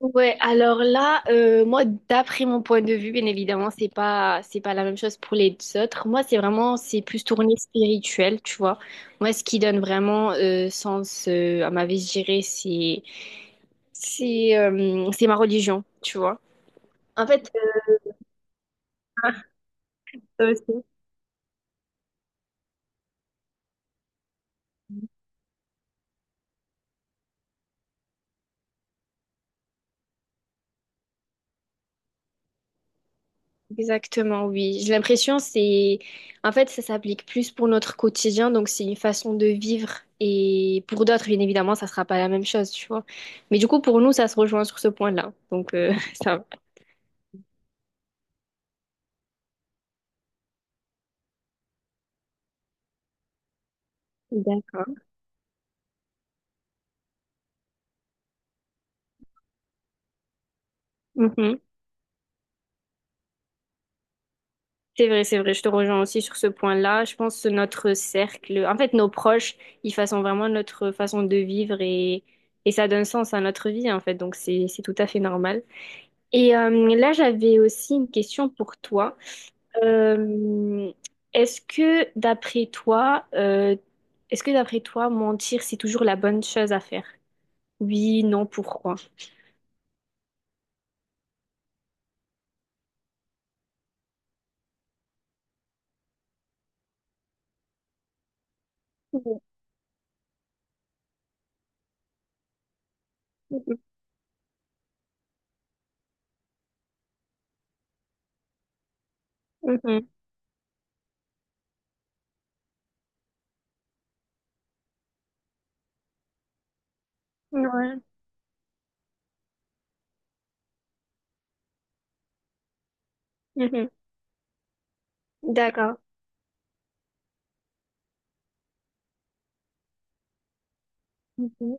Ouais, alors là, moi, d'après mon point de vue, bien évidemment, c'est pas la même chose pour les autres. Moi, c'est plus tourné spirituel, tu vois. Moi, ce qui donne vraiment sens à ma vie, je dirais, c'est c'est ma religion, tu vois. En fait, Exactement, oui. J'ai l'impression c'est en fait ça s'applique plus pour notre quotidien, donc c'est une façon de vivre et pour d'autres bien évidemment ça sera pas la même chose, tu vois. Mais du coup pour nous ça se rejoint sur ce point-là. Donc ça va. D'accord. Mhm. C'est vrai, je te rejoins aussi sur ce point-là. Je pense que notre cercle, en fait nos proches, ils façonnent vraiment notre façon de vivre et ça donne sens à notre vie en fait, donc c'est tout à fait normal. Et là j'avais aussi une question pour toi. Euh, est-ce que d'après toi, euh, est-ce que d'après toi, mentir, c'est toujours la bonne chose à faire? Oui, non, pourquoi? Mhm, mhm, mhm, ouais, mhm. D'accord. Mhm.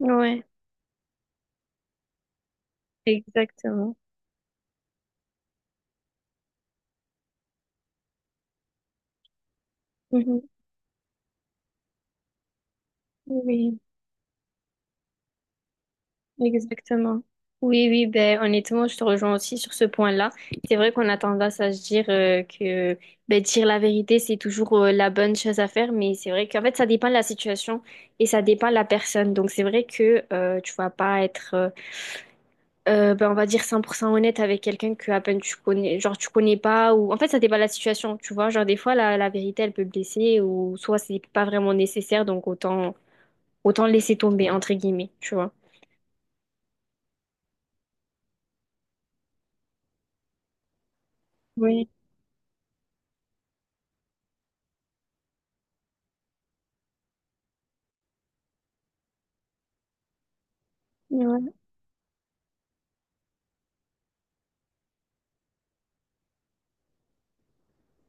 Ouais, exactement. Mhm. Oui. Exactement. Oui, oui, ben, honnêtement, je te rejoins aussi sur ce point-là. C'est vrai qu'on a tendance à se dire que ben, dire la vérité, c'est toujours la bonne chose à faire, mais c'est vrai qu'en fait, ça dépend de la situation et ça dépend de la personne. Donc, c'est vrai que tu vas pas être, ben, on va dire, 100% honnête avec quelqu'un que à peine tu connais, genre tu connais pas, ou en fait, ça dépend de la situation, tu vois. Genre, des fois, la vérité, elle peut blesser, ou soit c'est pas vraiment nécessaire, donc autant, autant laisser tomber, entre guillemets, tu vois. Oui. Ouais.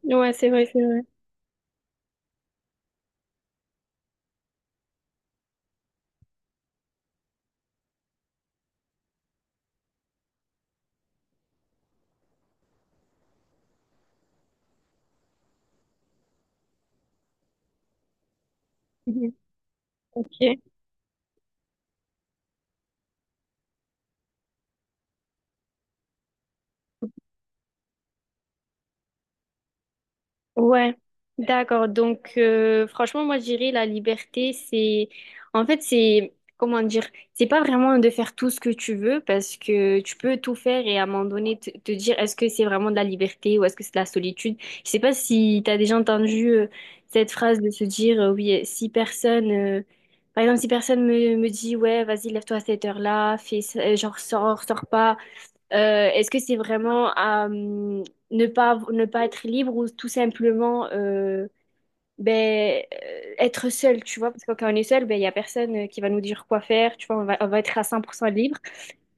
Ouais, c'est vrai, c'est vrai. Mhm. Ok. Ouais, d'accord. Donc, franchement, moi, je dirais la liberté, c'est, en fait, c'est, comment dire, c'est pas vraiment de faire tout ce que tu veux parce que tu peux tout faire et à un moment donné te dire est-ce que c'est vraiment de la liberté ou est-ce que c'est de la solitude. Je sais pas si t'as déjà entendu cette phrase de se dire oui, si personne me dit ouais, vas-y, lève-toi à cette heure-là, genre sors, sors pas. Est-ce que c'est vraiment ne pas être libre ou tout simplement être seul, tu vois? Parce que quand on est seul, ben, il n'y a personne qui va nous dire quoi faire, tu vois, on va être à 100% libre,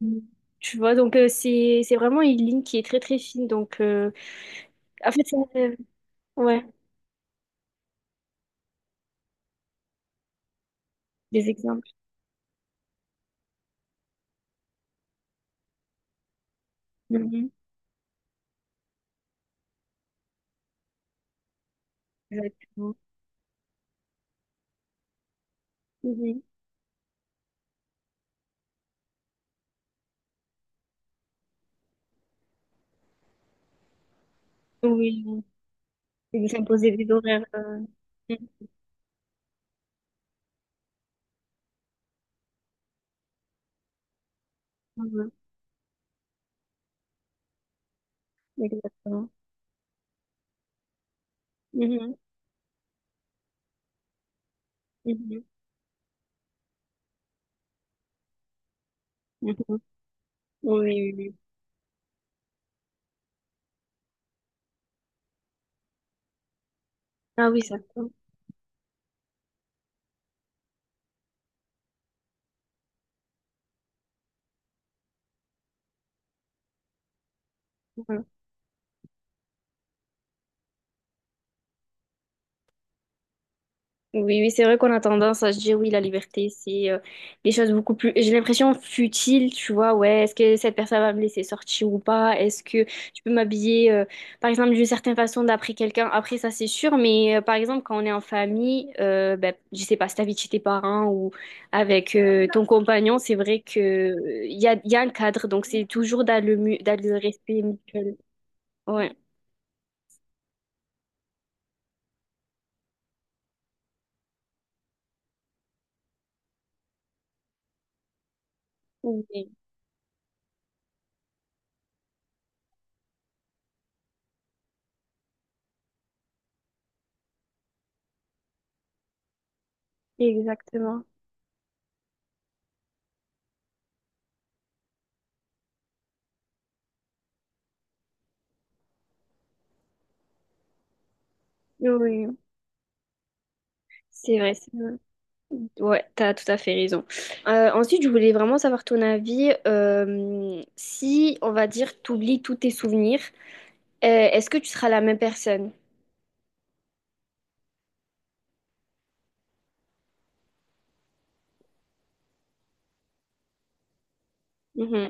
Mm, tu vois? Donc, c'est vraiment une ligne qui est très, très fine. Donc, en fait, c'est- euh, ouais, des exemples. Mhm. Exactement. Mhm. Oui, oui, et de s'imposer des horaires. Mhm. Exactement. Mhm. Mhm. Mhm. Oui, oui, oui. Ah oui, ça. Mhm. Oui, oui, c'est vrai qu'on a tendance à se dire oui, la liberté, c'est des choses beaucoup plus. J'ai l'impression futile, tu vois. Ouais, est-ce que cette personne va me laisser sortir ou pas? Est-ce que je peux m'habiller, par exemple, d'une certaine façon d'après quelqu'un? Après, ça, c'est sûr. Mais par exemple, quand on est en famille, ben, je sais pas, si t'habites chez tes parents ou avec ton compagnon, c'est vrai que il y a un cadre. Donc, c'est toujours dans dans le respect mutuel. Ouais. Oui, exactement. Oui, c'est vrai. Ouais, t'as tout à fait raison. Ensuite, je voulais vraiment savoir ton avis. Si, on va dire, t'oublies tous tes souvenirs, euh, est-ce que tu seras la même personne? Mhm.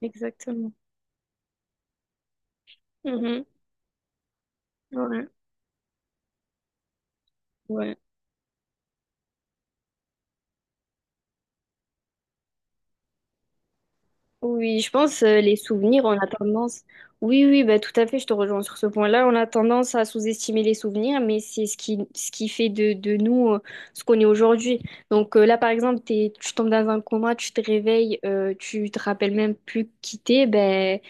Exactement. Mhm. Ouais, ouais. Oui, je pense les souvenirs, on a tendance. Oui, oui, bah, tout à fait, je te rejoins sur ce point-là. On a tendance à sous-estimer les souvenirs, mais c'est ce qui fait de nous ce qu'on est aujourd'hui. Donc là, par exemple, tu tombes dans un coma, tu te réveilles, tu te rappelles même plus qui t'es, ben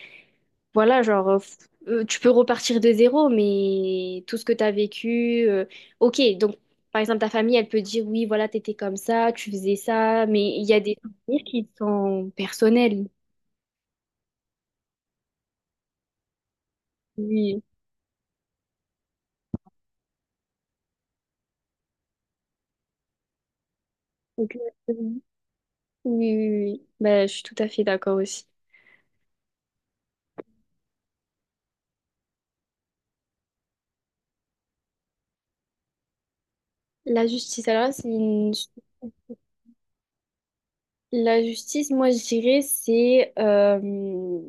voilà, genre, tu peux repartir de zéro, mais tout ce que tu as vécu, ok, donc par exemple, ta famille, elle peut dire, oui, voilà, t'étais comme ça, tu faisais ça, mais il y a des souvenirs qui sont personnels. Oui, exactement. Oui, oui, oui, oui, oui. Bah, je suis tout à fait d'accord aussi. La justice, alors là, c'est une... La justice, moi, je dirais, c'est...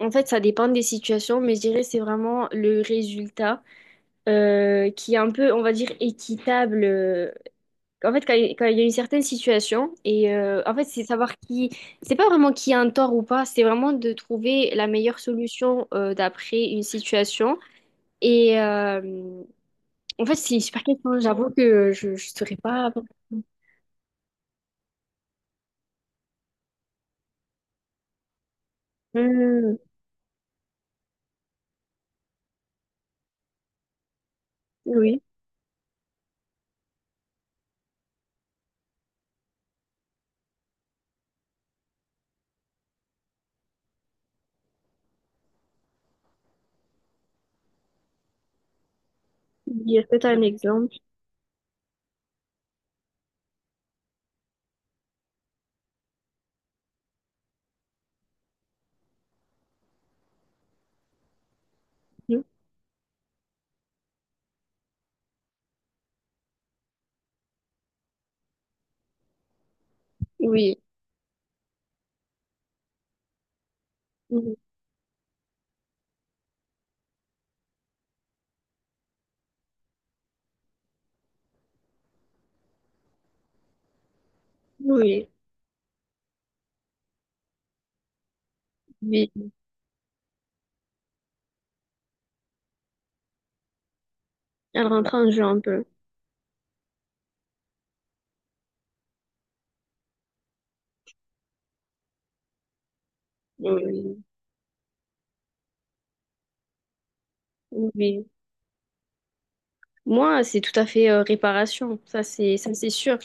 En fait, ça dépend des situations, mais je dirais, c'est vraiment le résultat qui est un peu, on va dire, équitable. En fait, quand il y a une certaine situation, et en fait, c'est savoir qui. C'est pas vraiment qui a un tort ou pas, c'est vraiment de trouver la meilleure solution d'après une situation. Et en fait, c'est une super question. J'avoue que je ne saurais pas. Hmm, oui, il y a peut-être un exemple. Hmm. Oui, oui, oui. Oui. Elle rentre en jeu un peu. Oui, oui. Moi, c'est tout à fait réparation, ça c'est sûr.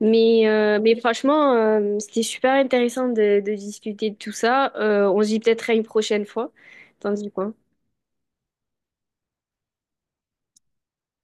Mais franchement, c'était super intéressant de discuter de tout ça. On se dit peut-être à une prochaine fois. T'en dis quoi?